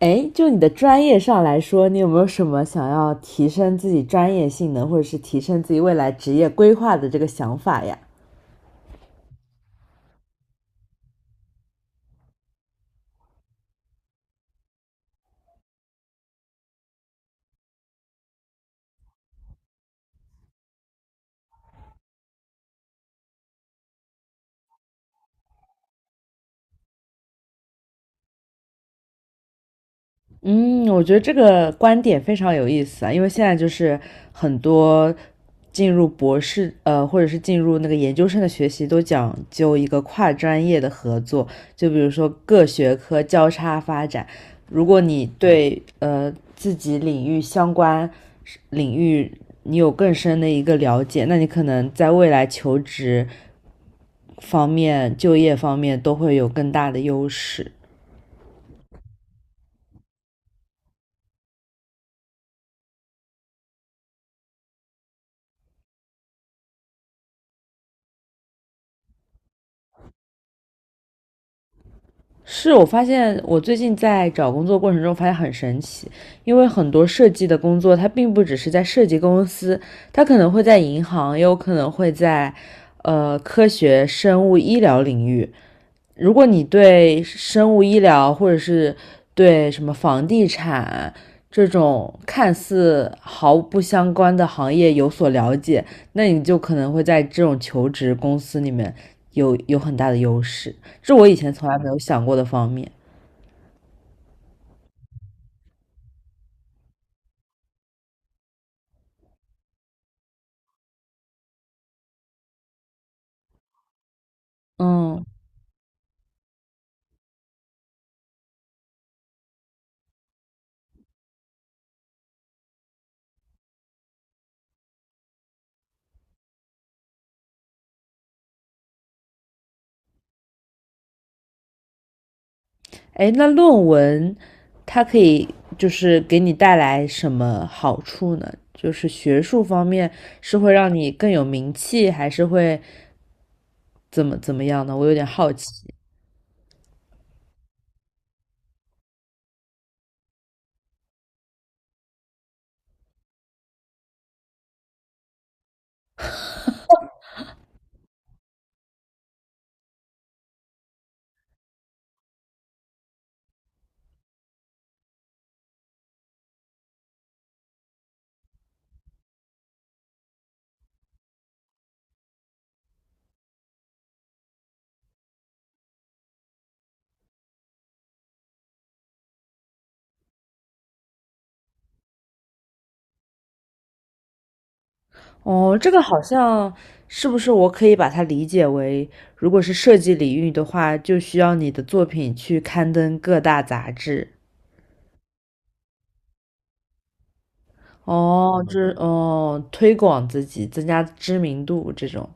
哎，就你的专业上来说，你有没有什么想要提升自己专业性能，或者是提升自己未来职业规划的这个想法呀？嗯，我觉得这个观点非常有意思啊，因为现在就是很多进入博士，或者是进入那个研究生的学习，都讲究一个跨专业的合作，就比如说各学科交叉发展。如果你对自己领域相关领域你有更深的一个了解，那你可能在未来求职方面、就业方面都会有更大的优势。是我发现，我最近在找工作过程中发现很神奇，因为很多设计的工作，它并不只是在设计公司，它可能会在银行，也有可能会在科学、生物、医疗领域。如果你对生物医疗或者是对什么房地产这种看似毫不相关的行业有所了解，那你就可能会在这种求职公司里面有很大的优势，这我以前从来没有想过的方面。嗯，哎，那论文它可以就是给你带来什么好处呢？就是学术方面是会让你更有名气，还是会怎么怎么样呢？我有点好奇。哦，这个好像是不是我可以把它理解为，如果是设计领域的话，就需要你的作品去刊登各大杂志。哦，这哦，推广自己，增加知名度这种。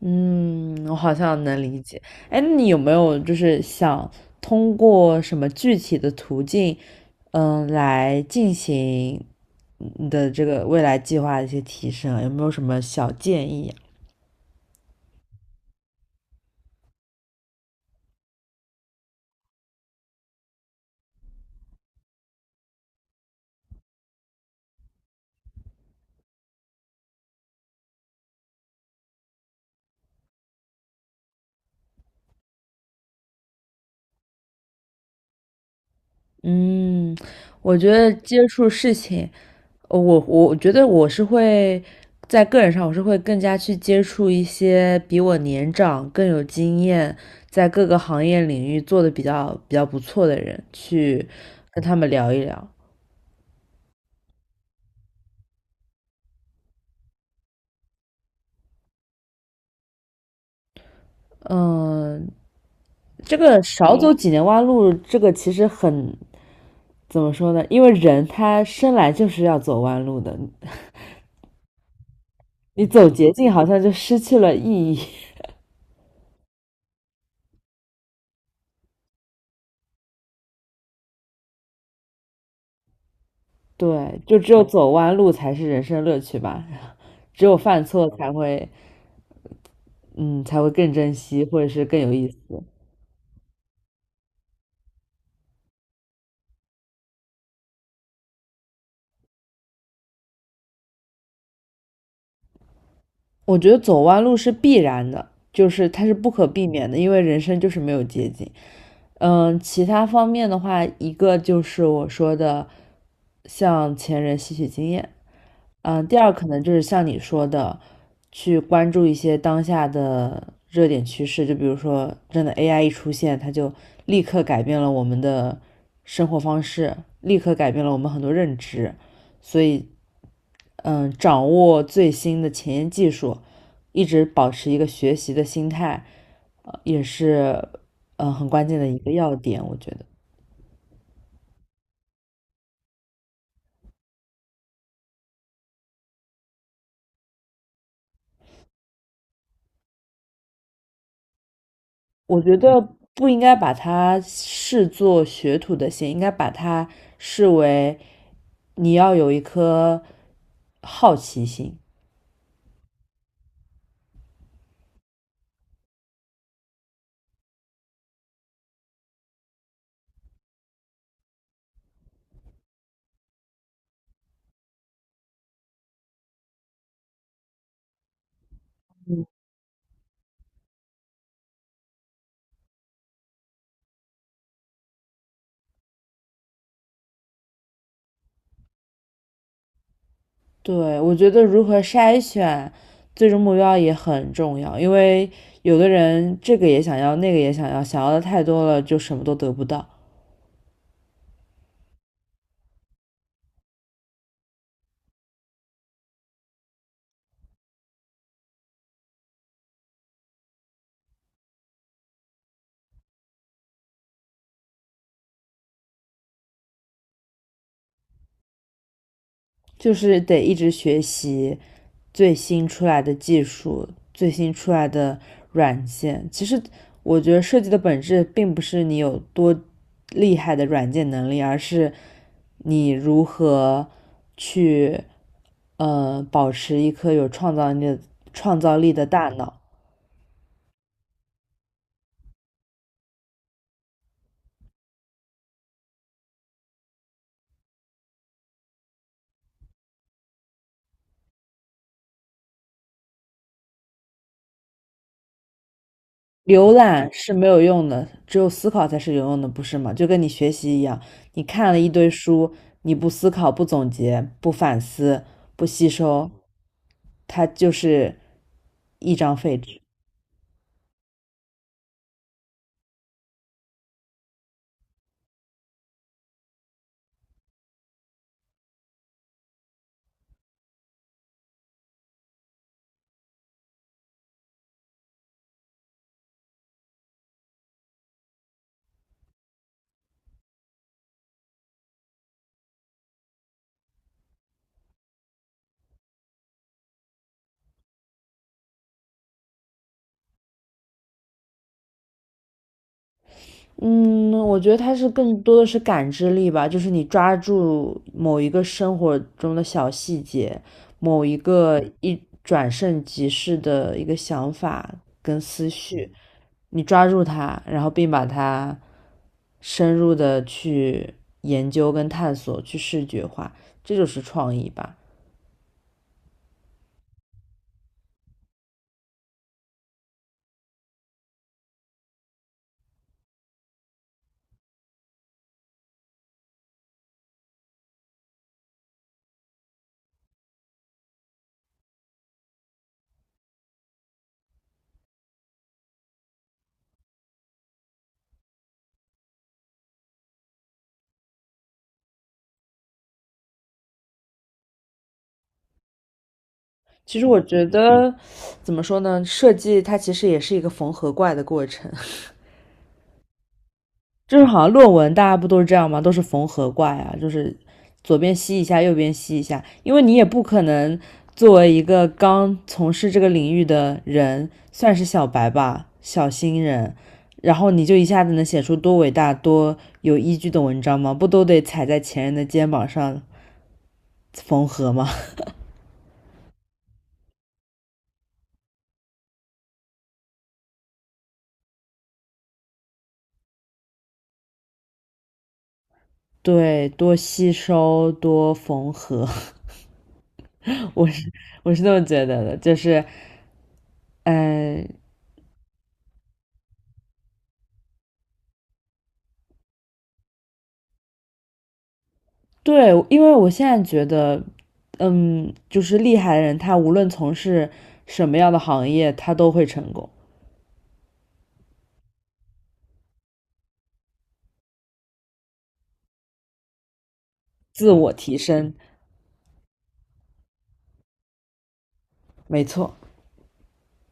嗯，我好像能理解。哎，那你有没有就是想通过什么具体的途径，嗯，来进行你的这个未来计划的一些提升啊？有没有什么小建议啊嗯，我觉得接触事情，我觉得我是会在个人上，我是会更加去接触一些比我年长、更有经验，在各个行业领域做的比较不错的人，去跟他们聊一聊。嗯，这个少走几年弯路，这个其实很，怎么说呢？因为人他生来就是要走弯路的，你走捷径好像就失去了意义。对，就只有走弯路才是人生乐趣吧。只有犯错才会，嗯，才会更珍惜，或者是更有意思。我觉得走弯路是必然的，就是它是不可避免的，因为人生就是没有捷径。嗯，其他方面的话，一个就是我说的向前人吸取经验，嗯，第二可能就是像你说的，去关注一些当下的热点趋势，就比如说真的 AI 一出现，它就立刻改变了我们的生活方式，立刻改变了我们很多认知。所以嗯，掌握最新的前沿技术，一直保持一个学习的心态，也是嗯很关键的一个要点。我觉得，我觉得不应该把它视作学徒的心，应该把它视为你要有一颗好奇心。对，我觉得如何筛选最终目标也很重要，因为有的人这个也想要，那个也想要，想要的太多了，就什么都得不到。就是得一直学习最新出来的技术、最新出来的软件。其实我觉得设计的本质并不是你有多厉害的软件能力，而是你如何去保持一颗有创造力的创造力的大脑。浏览是没有用的，只有思考才是有用的，不是吗？就跟你学习一样，你看了一堆书，你不思考、不总结、不反思、不吸收，它就是一张废纸。嗯，我觉得它是更多的是感知力吧，就是你抓住某一个生活中的小细节，某一个一转瞬即逝的一个想法跟思绪，你抓住它，然后并把它深入的去研究跟探索，去视觉化，这就是创意吧。其实我觉得，怎么说呢？设计它其实也是一个缝合怪的过程，就是好像论文大家不都是这样吗？都是缝合怪呀，就是左边吸一下，右边吸一下，因为你也不可能作为一个刚从事这个领域的人，算是小白吧，小新人，然后你就一下子能写出多伟大、多有依据的文章吗？不都得踩在前人的肩膀上缝合吗？对，多吸收，多缝合，我是我是这么觉得的，就是嗯、呃对，因为我现在觉得，嗯，就是厉害的人，他无论从事什么样的行业，他都会成功，自我提升，没错。